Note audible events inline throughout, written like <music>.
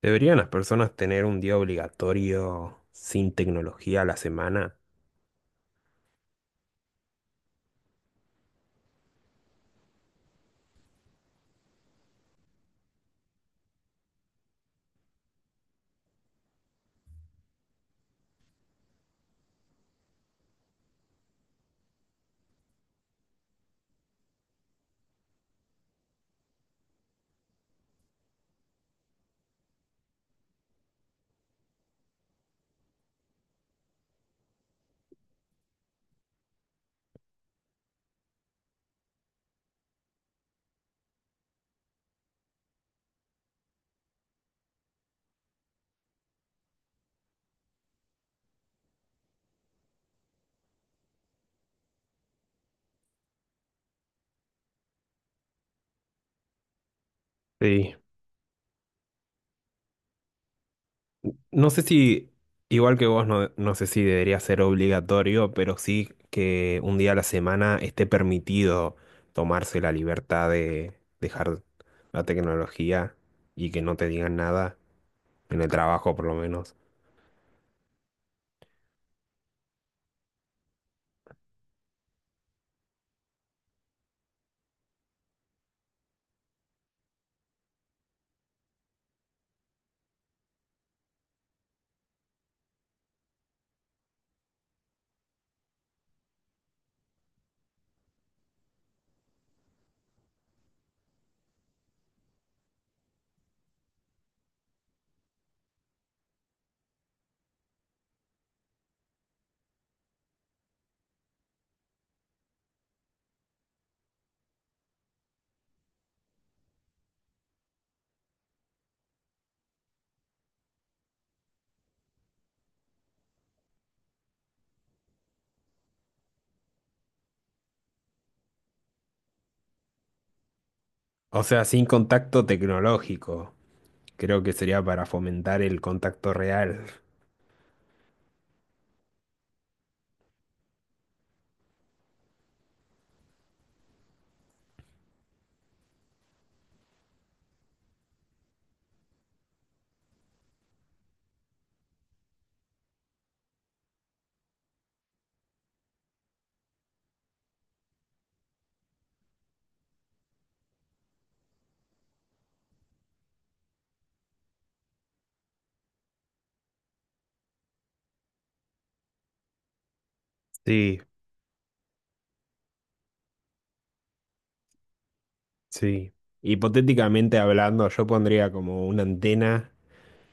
¿Deberían las personas tener un día obligatorio sin tecnología a la semana? Sí. No sé si, igual que vos, no, no sé si debería ser obligatorio, pero sí que un día a la semana esté permitido tomarse la libertad de dejar la tecnología y que no te digan nada, en el trabajo por lo menos. O sea, sin contacto tecnológico. Creo que sería para fomentar el contacto real. Sí, sí, hipotéticamente hablando, yo pondría como una antena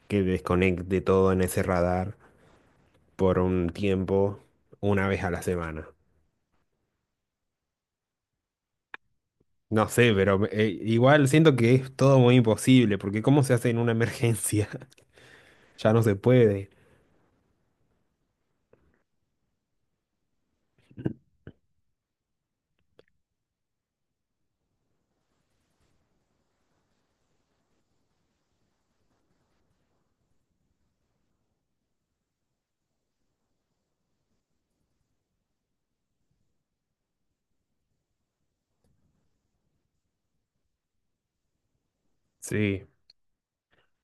que desconecte todo en ese radar por un tiempo, una vez a la semana. No sé, pero igual siento que es todo muy imposible, porque ¿cómo se hace en una emergencia? <laughs> Ya no se puede. Sí.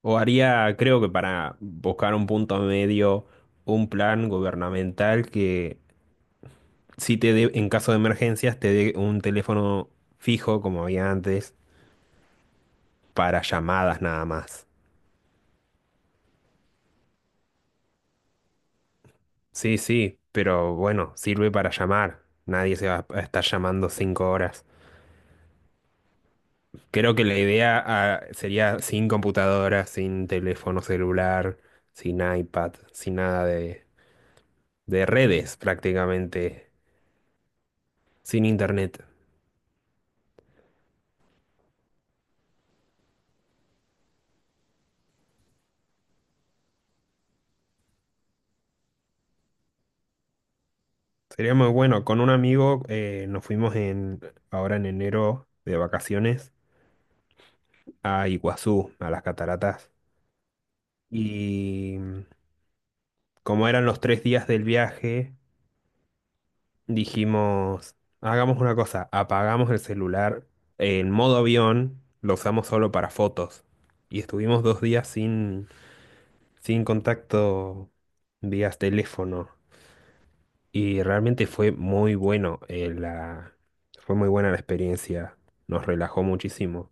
O haría, creo que para buscar un punto medio, un plan gubernamental que si te dé, en caso de emergencias, te dé un teléfono fijo como había antes, para llamadas nada más. Sí, sí, pero bueno, sirve para llamar. Nadie se va a estar llamando 5 horas. Creo que la idea, sería sin computadora, sin teléfono celular, sin iPad, sin nada de redes prácticamente, sin internet. Sería muy bueno. Con un amigo nos fuimos ahora en enero de vacaciones a Iguazú, a las cataratas. Y mm, como eran los 3 días del viaje, dijimos, hagamos una cosa, apagamos el celular en modo avión, lo usamos solo para fotos. Y estuvimos 2 días sin contacto vía teléfono. Y realmente fue muy bueno, fue muy buena la experiencia, nos relajó muchísimo.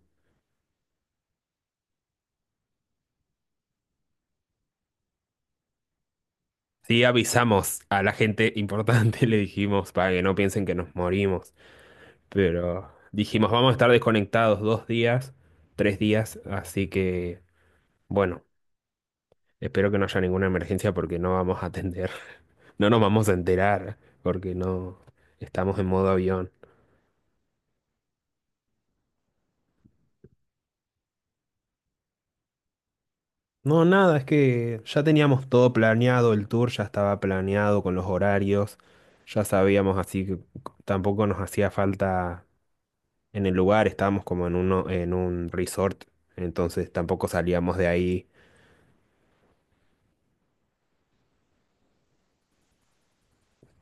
Sí, avisamos a la gente importante, <laughs> le dijimos, para que no piensen que nos morimos. Pero dijimos, vamos a estar desconectados 2 días, tres días. Bueno, espero que no haya ninguna emergencia porque no vamos a atender. <laughs> No nos vamos a enterar porque no estamos en modo avión. No, nada, es que ya teníamos todo planeado, el tour ya estaba planeado con los horarios, ya sabíamos, así que tampoco nos hacía falta en el lugar, estábamos como en uno, en un resort, entonces tampoco salíamos de ahí.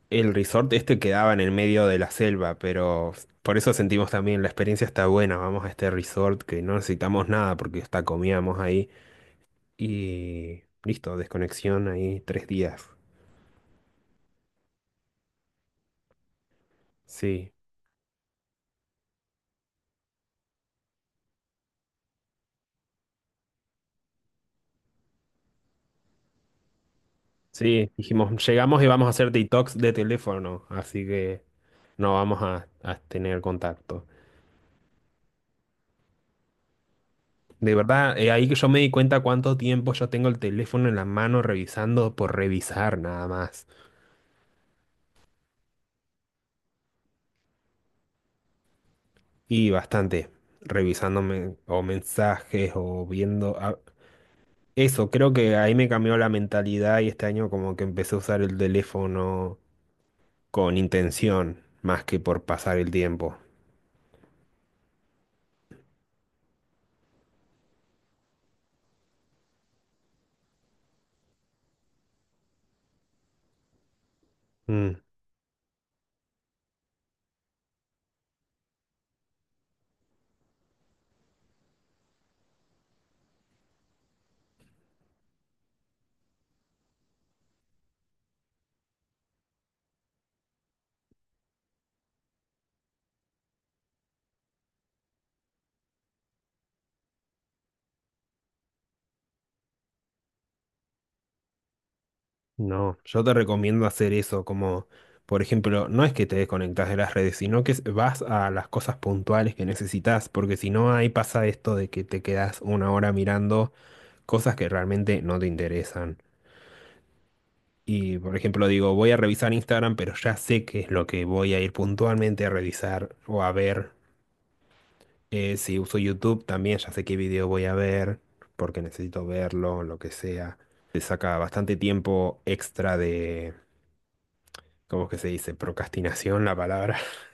El resort este quedaba en el medio de la selva, pero por eso sentimos también la experiencia está buena. Vamos a este resort que no necesitamos nada porque hasta comíamos ahí. Y listo, desconexión ahí 3 días. Sí, sí, dijimos, llegamos y vamos a hacer detox de teléfono, así que no vamos a tener contacto. De verdad, ahí que yo me di cuenta cuánto tiempo yo tengo el teléfono en la mano revisando por revisar nada más. Y bastante, revisándome o mensajes o viendo. Eso, creo que ahí me cambió la mentalidad y este año como que empecé a usar el teléfono con intención, más que por pasar el tiempo. Mm, no, yo te recomiendo hacer eso, como, por ejemplo, no es que te desconectas de las redes, sino que vas a las cosas puntuales que necesitas, porque si no, ahí pasa esto de que te quedas 1 hora mirando cosas que realmente no te interesan. Y, por ejemplo, digo, voy a revisar Instagram, pero ya sé qué es lo que voy a ir puntualmente a revisar o a ver. Si uso YouTube, también ya sé qué video voy a ver, porque necesito verlo, lo que sea. Te saca bastante tiempo extra de, ¿cómo es que se dice? Procrastinación, la palabra. <laughs>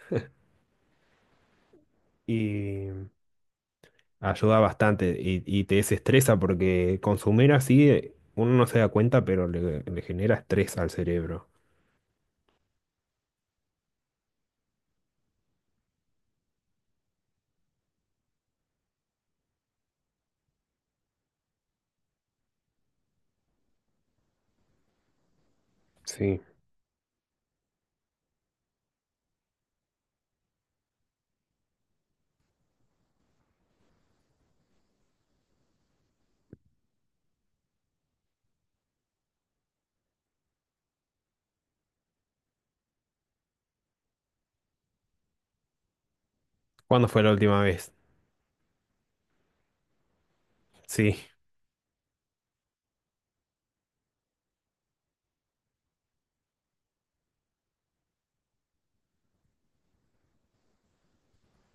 Y ayuda bastante y te desestresa porque consumir así, uno no se da cuenta, pero le genera estrés al cerebro. Sí. ¿Cuándo fue la última vez? Sí.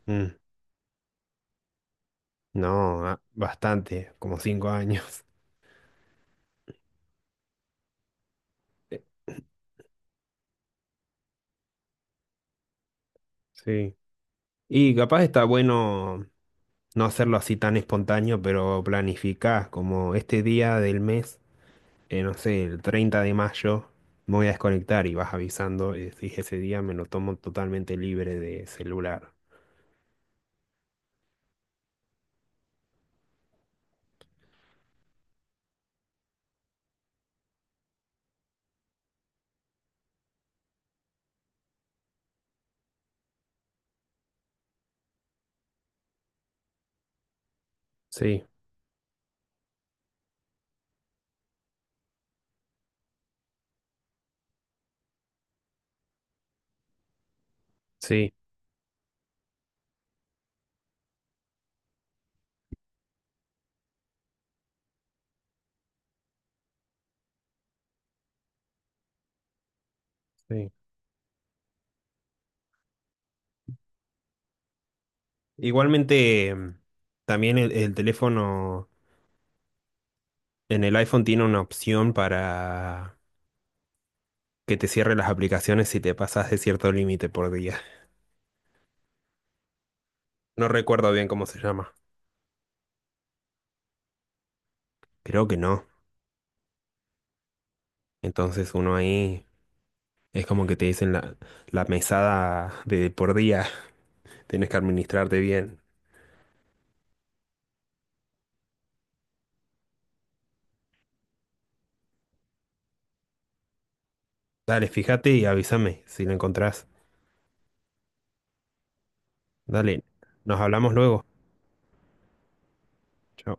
Mm. No, bastante, como 5 años. <laughs> Sí. Y capaz está bueno no hacerlo así tan espontáneo, pero planificás como este día del mes, no sé, el 30 de mayo, me voy a desconectar y vas avisando y decís, ese día me lo tomo totalmente libre de celular. Sí, sí, sí. Igualmente, también el teléfono en el iPhone tiene una opción para que te cierre las aplicaciones si te pasas de cierto límite por día. No recuerdo bien cómo se llama. Creo que no. Entonces uno ahí es como que te dicen la mesada de por día. <laughs> Tenés que administrarte bien. Dale, fíjate y avísame si lo encontrás. Dale, nos hablamos luego. Chao.